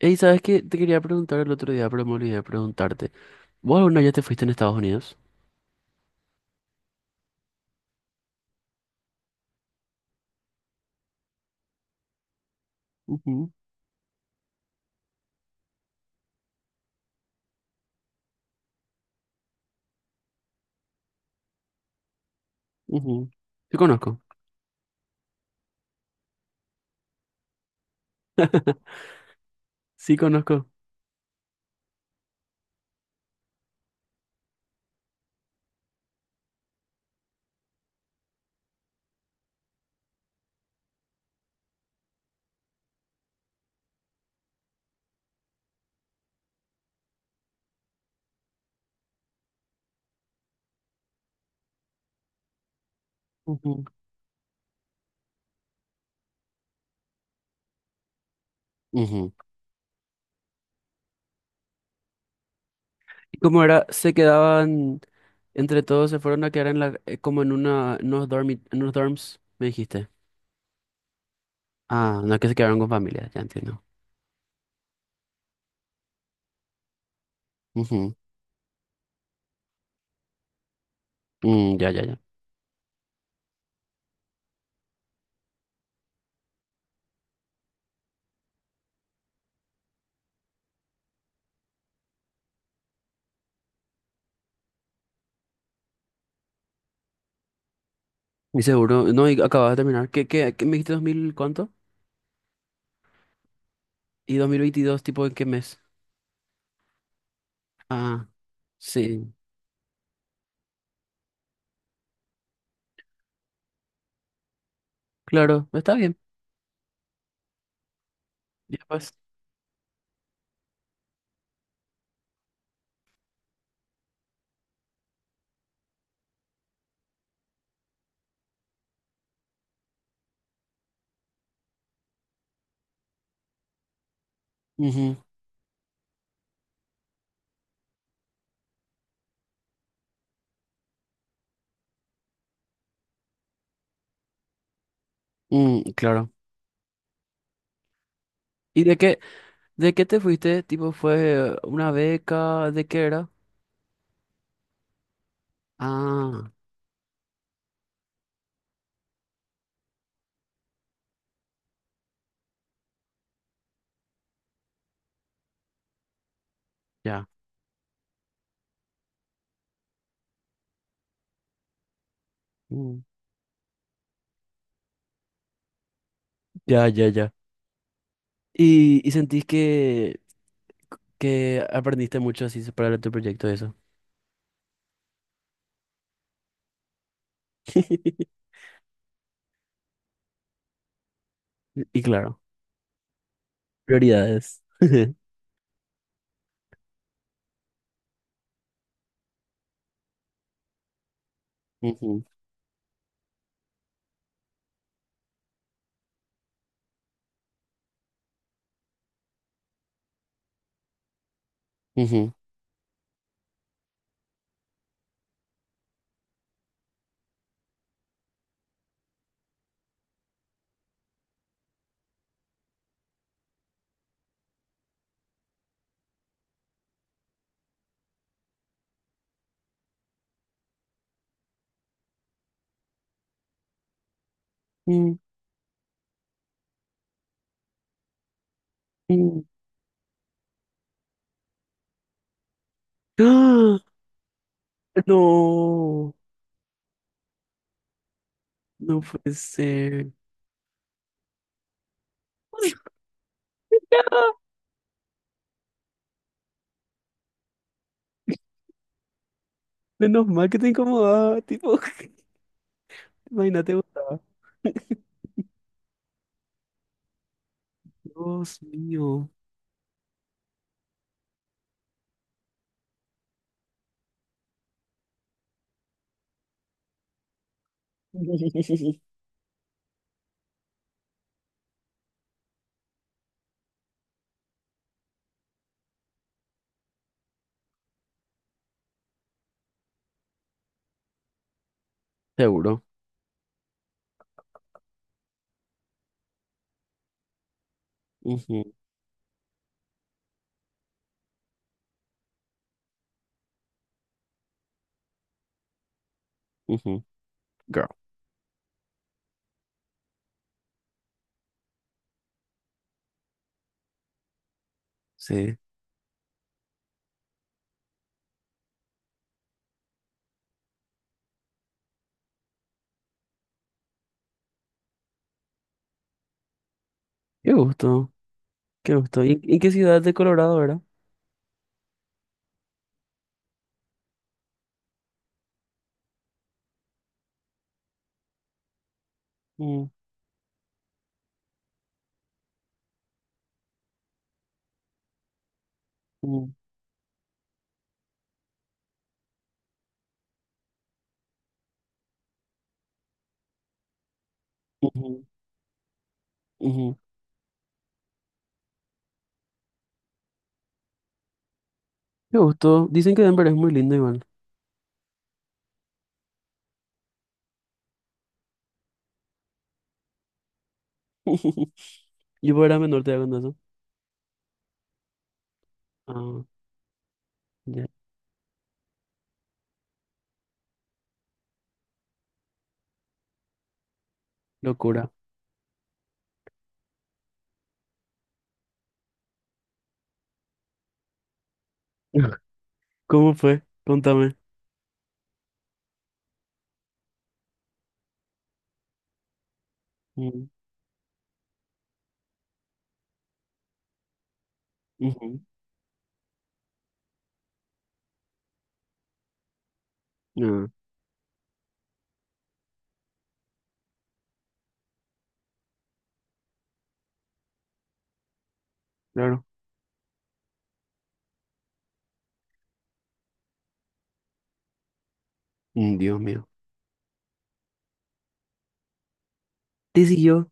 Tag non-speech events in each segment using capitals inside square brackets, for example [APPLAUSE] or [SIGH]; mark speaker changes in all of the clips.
Speaker 1: Ey, ¿sabes qué? Te quería preguntar el otro día, pero me olvidé de preguntarte. ¿Vos alguna vez ya te fuiste en Estados Unidos? Ujú, ujú. Sí, conozco. [LAUGHS] Sí, conozco. Ujú. Ujú. ¿Y cómo era? Se quedaban, entre todos se fueron a quedar en la, como en una, en unos en unos dorms, me dijiste. Ah, no, que se quedaron con familia, ya entiendo. Ujú. Mm, ya, ya, ya. Y seguro, no, y acabas de terminar. ¿Qué me dijiste, 2000 cuánto? ¿Y 2022, tipo, en qué mes? Ah, sí. Claro, está bien. Ya pues. Ujú. Mm, claro. ¿Y de qué te fuiste? Tipo, ¿fue una beca? ¿De qué era? Ah, ya. Mm. Ya, ya, ya. Y sentís que aprendiste mucho así para tu proyecto eso? [LAUGHS] Y claro, prioridades. [LAUGHS] Ujú, ujú. Mm, mm. ¡Ah! No, no puede ser. [LAUGHS] Menos mal que te incomodaba, tipo, [LAUGHS] imagínate, gustaba. Dios mío. [LAUGHS] Seguro. Ujú. Ujú, girl. Sí, qué gusto, qué gusto. Y qué ciudad de Colorado era? Mm, mm, ujú, ujú. Qué gusto. Dicen que Denver es muy lindo igual. [LAUGHS] Yo cuando era menor te con eso. Ah, ya. Locura. [LAUGHS] ¿Cómo fue? Contame. Mm, ujú. Ah, claro. Mm, Dios mío. Te siguió.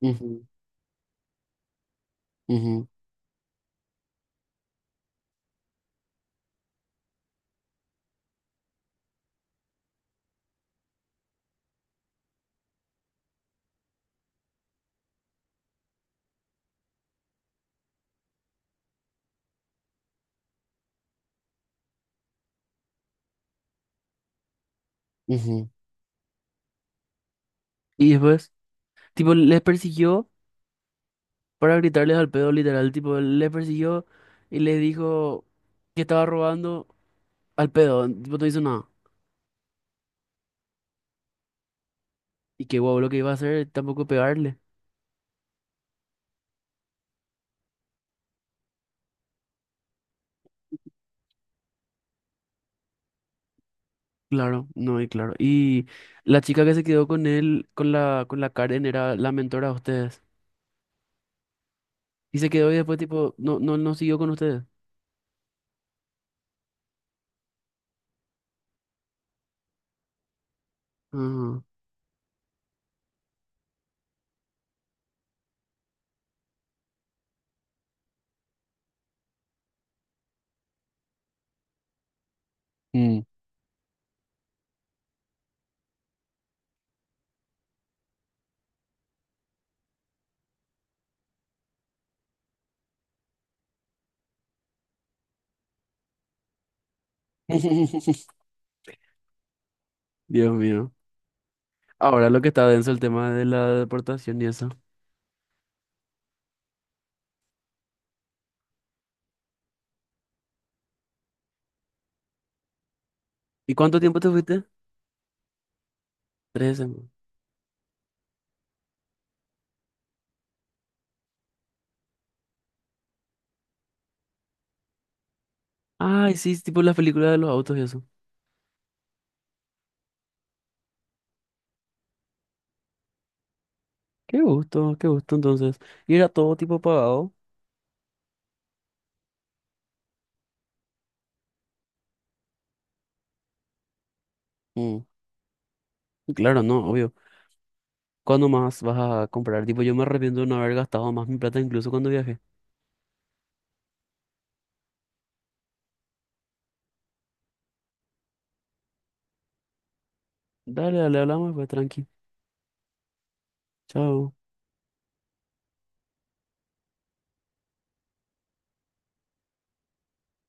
Speaker 1: Ujú, ujú, ujú. Y después, tipo, les persiguió para gritarles al pedo, literal. Tipo, les persiguió y les dijo que estaba robando. Al pedo, vos no hizo nada. Y qué guau lo que iba a hacer, tampoco pegarle. Claro, no, y claro. Y la chica que se quedó con él, con la Karen, era la mentora de ustedes. Y se quedó y después, tipo, no siguió con ustedes. Ajá. Mm. [LAUGHS] Dios mío. Ahora lo que está denso el tema de la deportación y eso. ¿Y cuánto tiempo te fuiste? Tres semanas. Ay, sí, es tipo las películas de los autos y eso. Qué gusto entonces. Y era todo tipo pagado. Mm. Claro, no, obvio. ¿Cuándo más vas a comprar? Tipo, yo me arrepiento de no haber gastado más mi plata incluso cuando viajé. Dale, dale, hablamos, pues tranqui. Chao.